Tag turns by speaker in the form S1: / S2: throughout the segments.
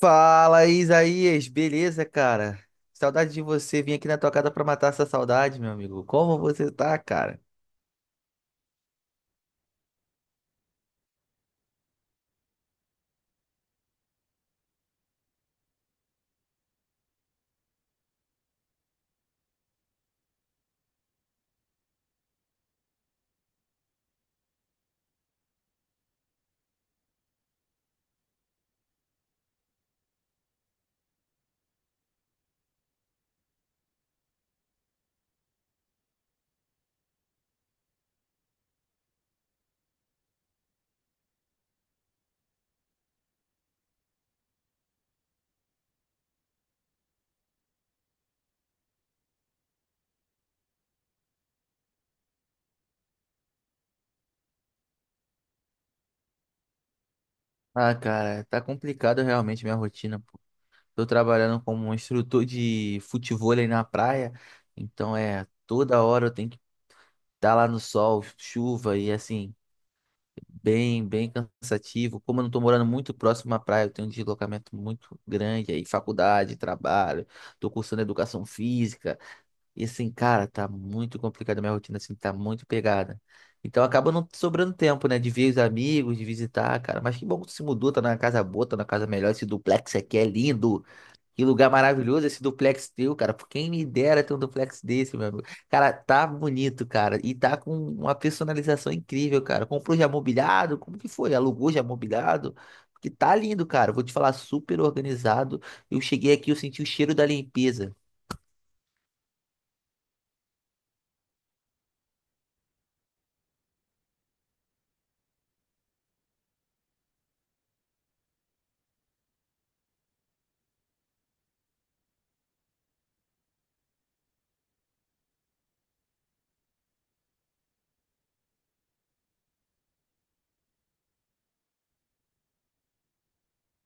S1: Fala, Isaías, beleza, cara? Saudade de você. Vim aqui na tua casa pra matar essa saudade, meu amigo. Como você tá, cara? Ah, cara, tá complicado realmente minha rotina, pô. Tô trabalhando como um instrutor de futevôlei na praia, então é toda hora eu tenho que estar lá no sol, chuva e assim, bem cansativo. Como eu não tô morando muito próximo à praia, eu tenho um deslocamento muito grande aí, faculdade, trabalho, tô cursando educação física. E assim, cara, tá muito complicado. Minha rotina, assim, tá muito pegada. Então acaba não sobrando tempo, né? De ver os amigos, de visitar, cara. Mas que bom que tu se mudou, tá na casa boa, tá na casa melhor. Esse duplex aqui é lindo. Que lugar maravilhoso esse duplex teu, cara. Por quem me dera ter um duplex desse, meu amigo. Cara, tá bonito, cara. E tá com uma personalização incrível, cara. Comprou já mobiliado? Como que foi? Alugou já mobiliado? Porque tá lindo, cara. Vou te falar, super organizado. Eu cheguei aqui, eu senti o cheiro da limpeza.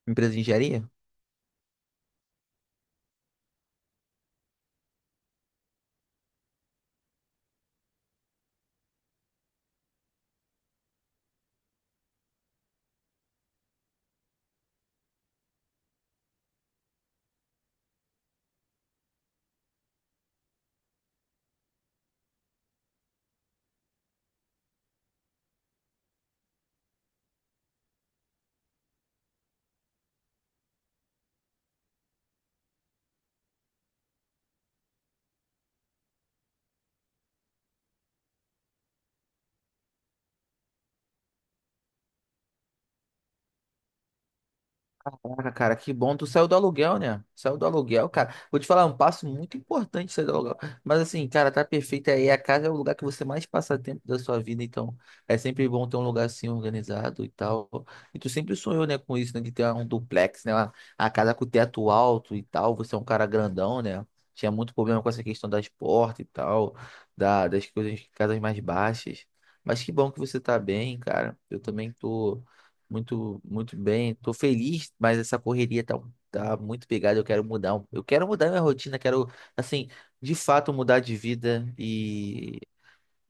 S1: Empresa de engenharia? Caraca, cara, que bom. Tu saiu do aluguel, né? Saiu do aluguel, cara. Vou te falar, é um passo muito importante sair do aluguel. Mas assim, cara, tá perfeito aí. A casa é o lugar que você mais passa tempo da sua vida, então é sempre bom ter um lugar assim organizado e tal. E tu sempre sonhou, né, com isso, né? De ter um duplex, né? A casa com teto alto e tal. Você é um cara grandão, né? Tinha muito problema com essa questão das portas e tal, das coisas, casas mais baixas. Mas que bom que você tá bem, cara. Eu também tô. Muito, muito bem. Tô feliz, mas essa correria tá muito pegada. Eu quero mudar. Eu quero mudar minha rotina, quero, assim, de fato mudar de vida,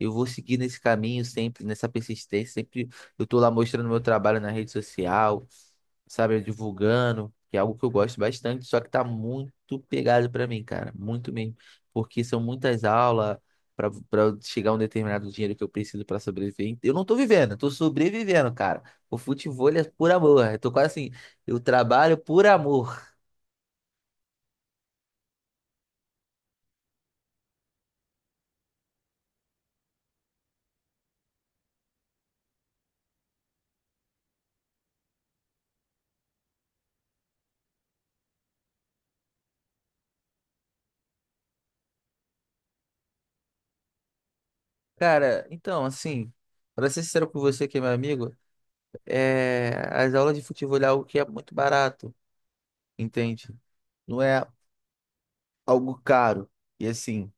S1: eu vou seguir nesse caminho sempre, nessa persistência. Sempre eu tô lá mostrando meu trabalho na rede social, sabe? Divulgando, que é algo que eu gosto bastante, só que tá muito pegado pra mim, cara. Muito mesmo. Porque são muitas aulas pra para chegar a um determinado dinheiro que eu preciso pra sobreviver. Eu não tô vivendo, eu tô sobrevivendo, cara. O futebol é por amor. Eu tô quase assim, eu trabalho por amor. Cara, então, assim, pra ser sincero com você que é meu amigo, é, as aulas de futebol é algo que é muito barato. Entende? Não é algo caro. E assim,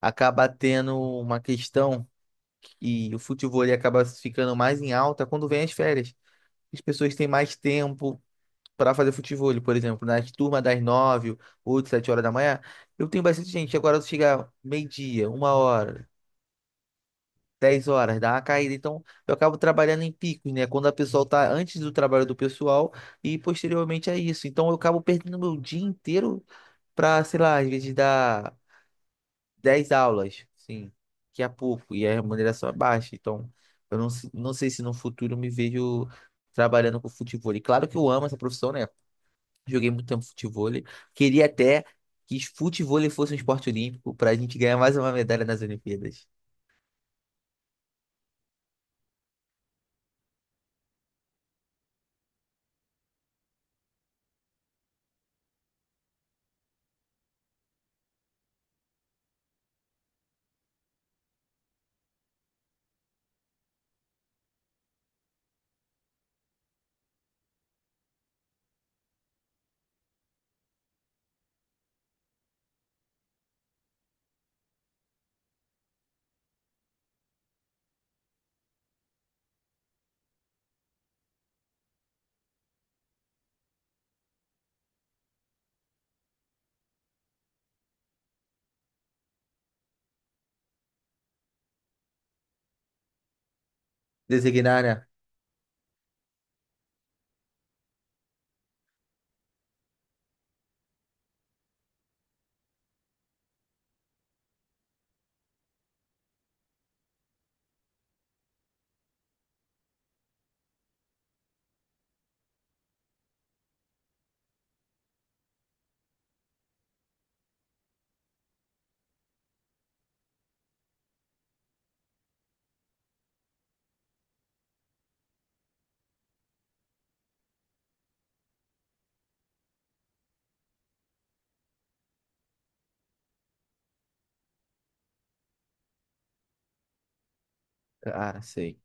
S1: acaba tendo uma questão que o futebol ele acaba ficando mais em alta quando vem as férias. As pessoas têm mais tempo para fazer futebol, por exemplo, nas turmas das 9, 8, 7 horas da manhã. Eu tenho bastante gente. Agora chega meio-dia, uma hora, 10 horas, dá uma caída. Então eu acabo trabalhando em picos, né? Quando a pessoa tá antes do trabalho do pessoal e posteriormente a isso. Então eu acabo perdendo meu dia inteiro para, sei lá, às vezes dar 10 aulas, sim, que é pouco e a remuneração é baixa. Então, eu não, se- não sei se no futuro eu me vejo trabalhando com futevôlei. Claro que eu amo essa profissão, né? Joguei muito tempo futevôlei. Queria até que futevôlei fosse um esporte olímpico para a gente ganhar mais uma medalha nas Olimpíadas. Designar, né? Ah, sei.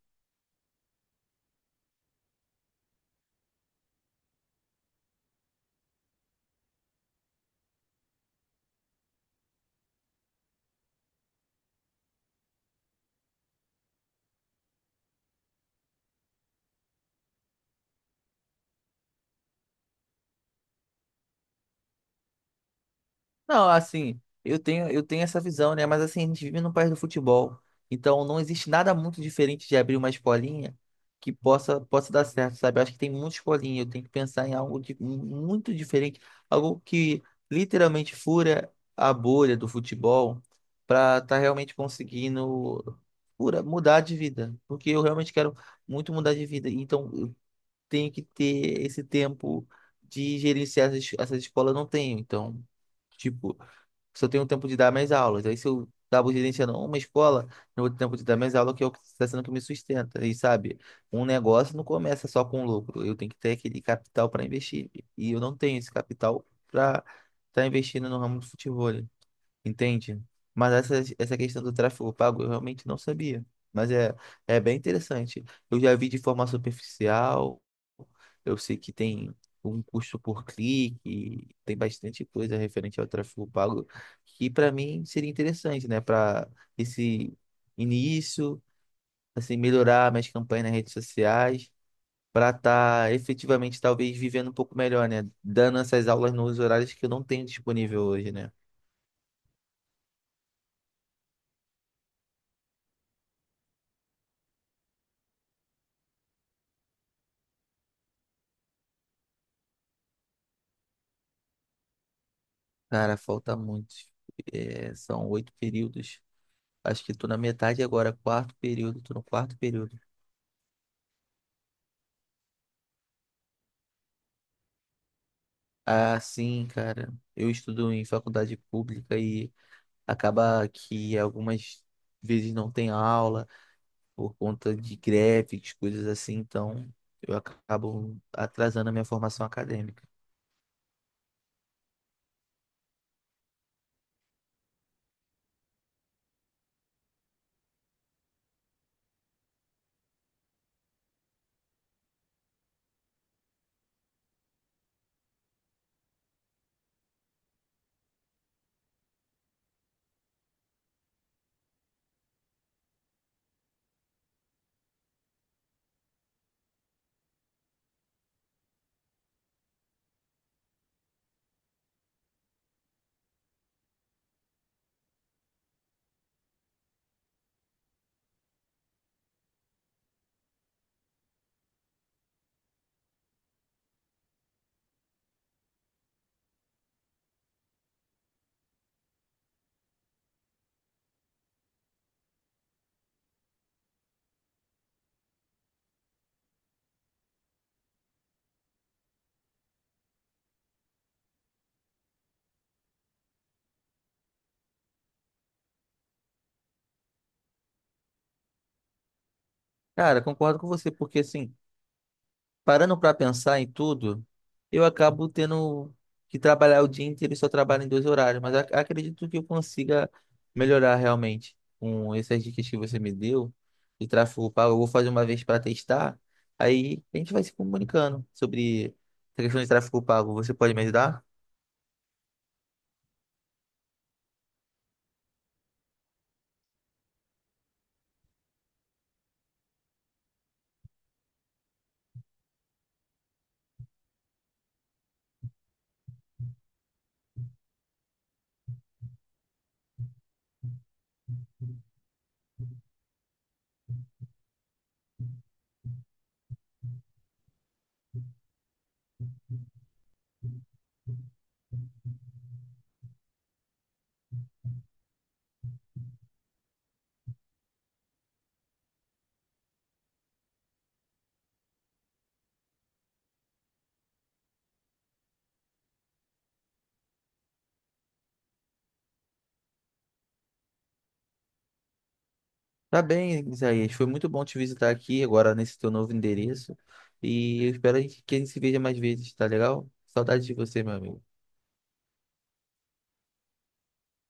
S1: Não, assim, eu tenho essa visão, né? Mas assim, a gente vive num país do futebol. Então não existe nada muito diferente de abrir uma escolinha que possa dar certo, sabe? Eu acho que tem muita escolinha, eu tenho que pensar em algo de, muito diferente, algo que literalmente fura a bolha do futebol para estar realmente conseguindo fura, mudar de vida. Porque eu realmente quero muito mudar de vida. Então eu tenho que ter esse tempo de gerenciar essas escolas, eu não tenho. Então. Tipo, se eu tenho um tempo de dar minhas aulas. Aí se eu acabo gerenciando uma escola, eu vou ter tempo de dar minhas aulas, que é o que está sendo que me sustenta. E sabe, um negócio não começa só com lucro. Eu tenho que ter aquele capital para investir. E eu não tenho esse capital para estar investindo no ramo do futebol. Entende? Mas essa questão do tráfego pago eu realmente não sabia. Mas é bem interessante. Eu já vi de forma superficial, eu sei que tem um custo por clique, tem bastante coisa referente ao tráfego pago, que para mim seria interessante, né? Para esse início, assim, melhorar minhas campanhas nas redes sociais, para estar efetivamente talvez vivendo um pouco melhor, né? Dando essas aulas nos horários que eu não tenho disponível hoje, né? Cara, falta muito. É, são 8 períodos. Acho que tô na metade agora, quarto período, tô no quarto período. Ah, sim, cara. Eu estudo em faculdade pública e acaba que algumas vezes não tem aula por conta de greves, coisas assim, então eu acabo atrasando a minha formação acadêmica. Cara, concordo com você, porque assim. Parando para pensar em tudo, eu acabo tendo que trabalhar o dia inteiro e só trabalho em dois horários, mas acredito que eu consiga melhorar realmente com essas dicas que você me deu de tráfego pago. Eu vou fazer uma vez para testar, aí a gente vai se comunicando sobre a questão de tráfego pago. Você pode me ajudar? Tá bem, Isaías. Foi muito bom te visitar aqui agora nesse teu novo endereço e eu espero a gente que a gente se veja mais vezes, tá legal? Saudades de você, meu amigo.